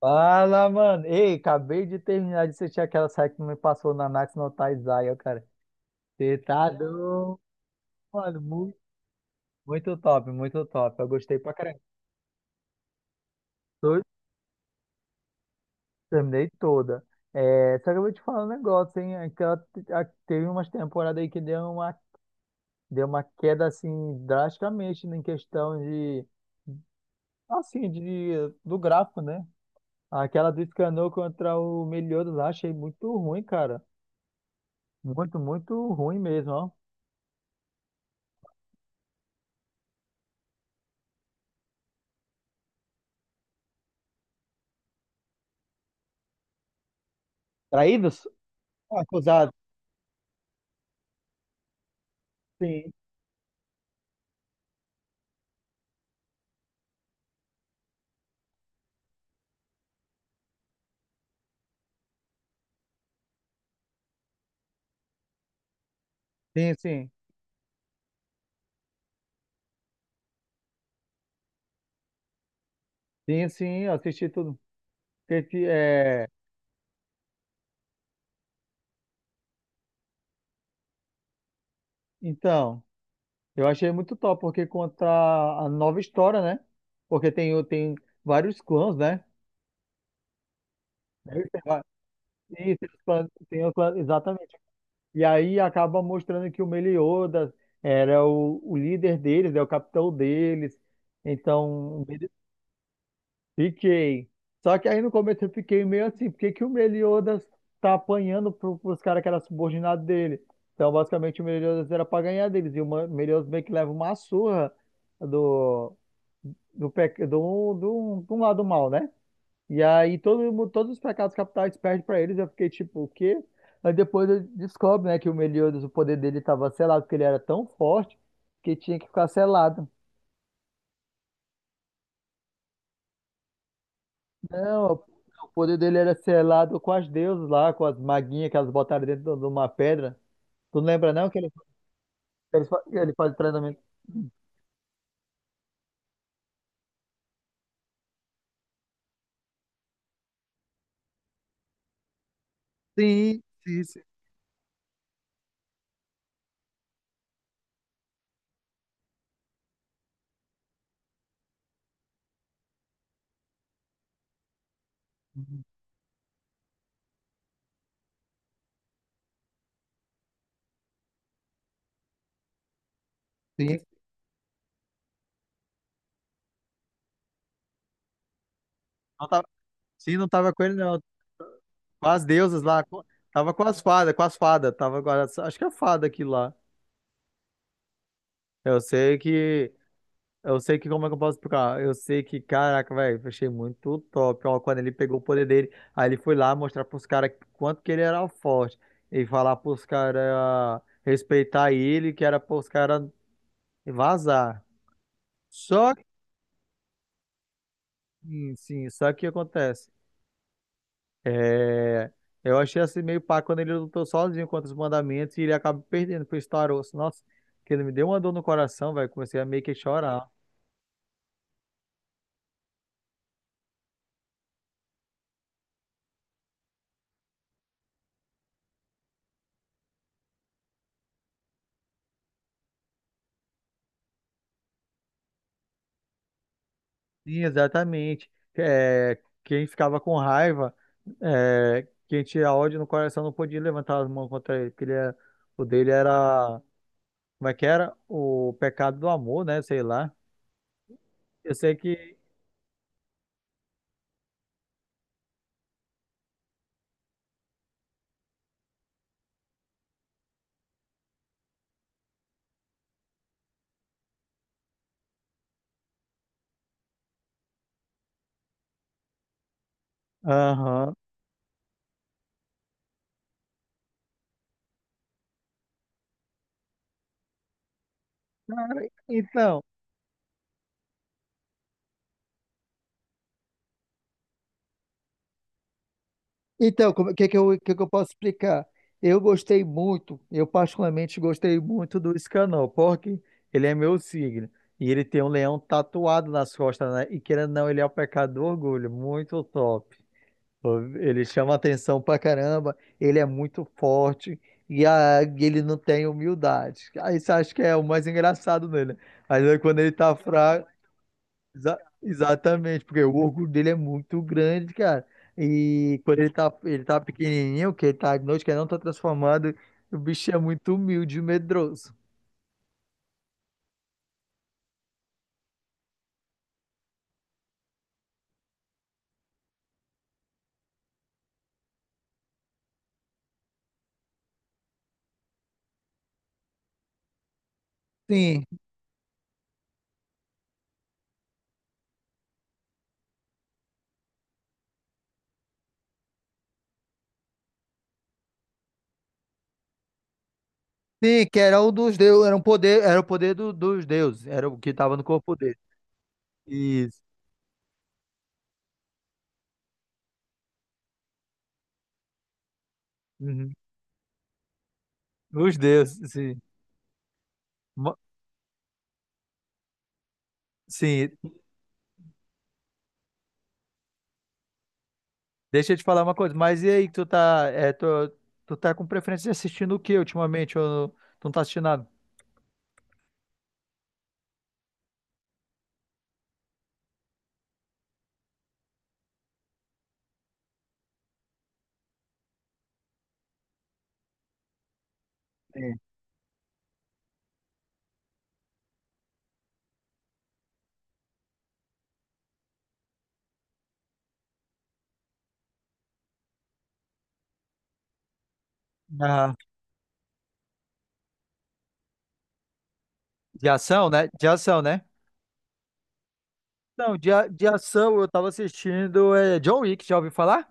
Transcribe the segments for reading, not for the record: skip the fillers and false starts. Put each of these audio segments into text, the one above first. Fala, mano. Ei, acabei de terminar de assistir aquela série que me passou na Max no Taizai, ó, cara. Você tá doido, mano. Muito top, muito top. Eu gostei pra caramba. Tô- Terminei toda. É, só que eu vou te falar um negócio, hein? Teve umas temporadas aí que deu uma queda, assim, drasticamente em questão de, assim, do gráfico, né? Aquela do Escanor contra o Meliodas lá, achei muito ruim, cara. Muito, muito ruim mesmo, ó. Traídos? Acusado, sim, sim, sim, sim, sim, eu assisti tudo. É... Então, eu achei muito top, porque conta a nova história, né? Porque tem vários clãs, né? Tem va- Isso, tem os clãs, exatamente. E aí acaba mostrando que o Meliodas era o líder deles, é o capitão deles. Então, fiquei. Só que aí no começo eu fiquei meio assim, por que que o Meliodas tá apanhando pros caras que eram subordinados dele? Então, basicamente, o Meliodas era pra ganhar deles. E o Meliodas meio que leva uma surra do, do, pe- do, do, do lado mal, né? E aí todos os pecados capitais perdem pra eles. Eu fiquei tipo, o quê? Aí depois eu descobre, né, que o Meliodas, o poder dele tava selado, porque ele era tão forte que tinha que ficar selado. Não, o poder dele era selado com as deusas lá, com as maguinhas que elas botaram dentro de uma pedra. Tu não lembra não que ele, que ele faz treinamento? Sim, sim, sim. Sim, não tava, sim, não tava com ele não. Com as deusas lá, tava com as fadas, tava com as, acho que é fada aquilo lá. Eu sei que Eu sei que, como é que eu posso explicar? Eu sei que, caraca, velho, achei muito top. Ó, quando ele pegou o poder dele, aí ele foi lá mostrar pros caras quanto que ele era forte. E falar pros caras respeitar ele, que era pros caras vazar. Só que, sim, sim, só que o que acontece? É, eu achei assim meio pá quando ele lutou sozinho contra os mandamentos e ele acaba perdendo pro Staros. Nossa, que ele me deu uma dor no coração, velho. Comecei a meio que chorar. Sim, exatamente. É, quem ficava com raiva, é, quem tinha ódio no coração não podia levantar as mãos contra ele, o dele era, como é que era? O pecado do amor, né? Sei lá. Eu sei que. Aham. Cara, então, então, o que que eu, o que que eu posso explicar? Eu gostei muito, eu particularmente gostei muito do Escanor, porque ele é meu signo. E ele tem um leão tatuado nas costas, né? E querendo ou não, ele é o pecado do orgulho. Muito top. Ele chama atenção pra caramba, ele é muito forte e ele não tem humildade. Aí você acha que é o mais engraçado nele, né? Mas aí quando ele tá fraco, exatamente, porque o orgulho dele é muito grande, cara. E quando ele tá pequenininho, que ele tá noite que ele não tá transformado, o bicho é muito humilde e medroso. Sim, sim, que era o dos deuses, era um poder, era dos deuses, era o que tava no corpo dele. Isso. Uhum. Os deuses, sim. Mo- Sim, deixa eu te falar uma coisa, mas e aí, tu tá com preferência de assistindo o que ultimamente? Ou tu não tá assistindo nada? É. Ah, de ação, né? De ação, né? Não, de ação eu tava assistindo é, John Wick, já ouviu falar?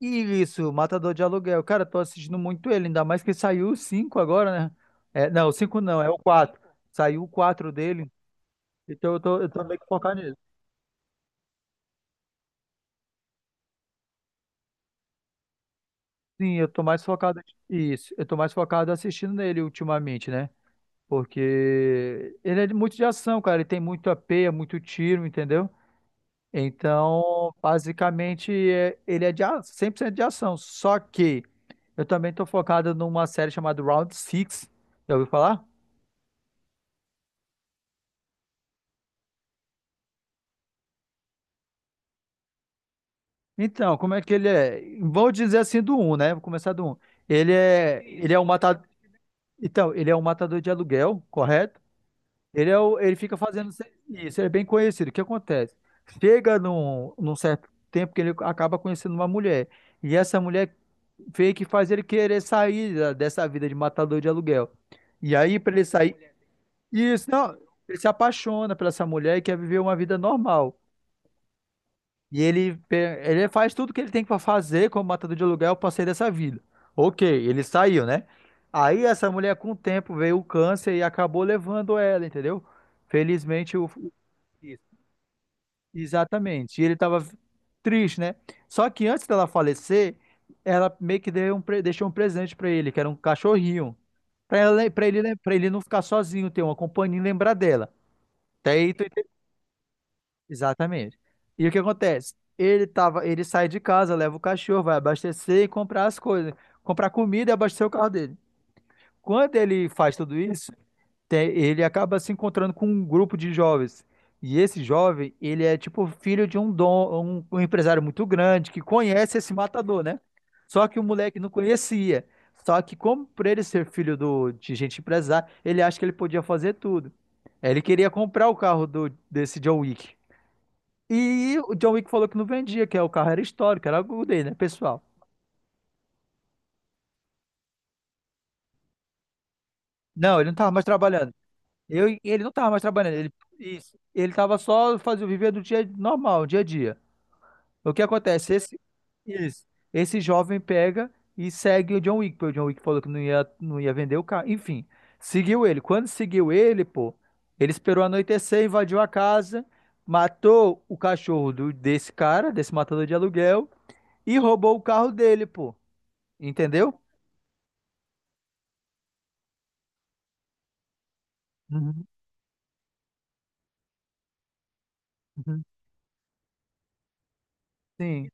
Isso, Matador de Aluguel. Cara, tô assistindo muito ele, ainda mais que saiu o 5 agora, né? É, não, o 5 não, é o 4. Saiu o 4 dele, então eu tô meio que focado nisso. Sim, eu tô mais focado. Isso, eu tô mais focado assistindo nele ultimamente, né? Porque ele muito de ação, cara. Ele tem muito AP, é muito tiro, entendeu? Então, basicamente, ele 100% de ação. Só que eu também tô focado numa série chamada Round Six. Já ouviu falar? Então, como é que ele é? Vou dizer assim do um, né? Vou começar do um. Ele é um matador. Então, ele é um matador de aluguel, correto? Ele fica fazendo isso, ele é bem conhecido. O que acontece? Chega num certo tempo que ele acaba conhecendo uma mulher. E essa mulher vê que faz ele querer sair dessa vida de matador de aluguel. E aí, para ele sair. Isso, não. Ele se apaixona por essa mulher e quer viver uma vida normal. E ele, ele faz tudo que ele tem para fazer como matador de aluguel para sair dessa vida. Ok, ele saiu, né? Aí essa mulher, com o tempo, veio o câncer e acabou levando ela, entendeu? Felizmente, o, isso. Exatamente. E ele estava triste, né? Só que antes dela falecer, ela meio que deixou um presente para ele, que era um cachorrinho. Para ele não ficar sozinho, ter uma companhia e lembrar dela. Até aí, tu exatamente. E o que acontece? Ele sai de casa, leva o cachorro, vai abastecer e comprar as coisas, comprar comida e abastecer o carro dele. Quando ele faz tudo isso, ele acaba se encontrando com um grupo de jovens. E esse jovem, ele é tipo filho de um dom, um empresário muito grande que conhece esse matador, né? Só que o moleque não conhecia. Só que como por ele ser filho de gente empresária, ele acha que ele podia fazer tudo. Ele queria comprar o carro desse John Wick. E o John Wick falou que não vendia, que é, o carro era histórico, era algo dele, né, pessoal? Não, ele não tava mais trabalhando. Ele não tava mais trabalhando. Ele, isso. Ele tava só fazendo viver do dia normal, dia a dia. O que acontece? Esse, isso. Esse jovem pega e segue o John Wick, porque o John Wick falou que não ia vender o carro. Enfim, seguiu ele. Quando seguiu ele, pô, ele esperou anoitecer, invadiu a casa, matou o cachorro desse cara, desse matador de aluguel, e roubou o carro dele, pô. Entendeu? Uhum, uhum. Sim.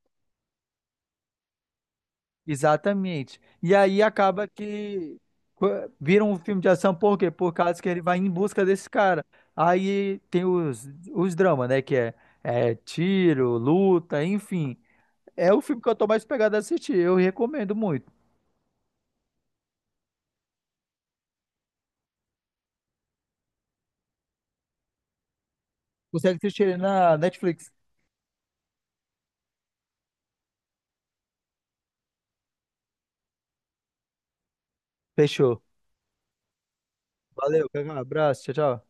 Exatamente. E aí acaba que co- vira um filme de ação, por quê? Por causa que ele vai em busca desse cara. Aí tem os dramas, né? Que é, é tiro, luta, enfim. É o filme que eu tô mais pegado a assistir. Eu recomendo muito. Consegue assistir ele na Netflix. Fechou. Valeu, um abraço, tchau, tchau.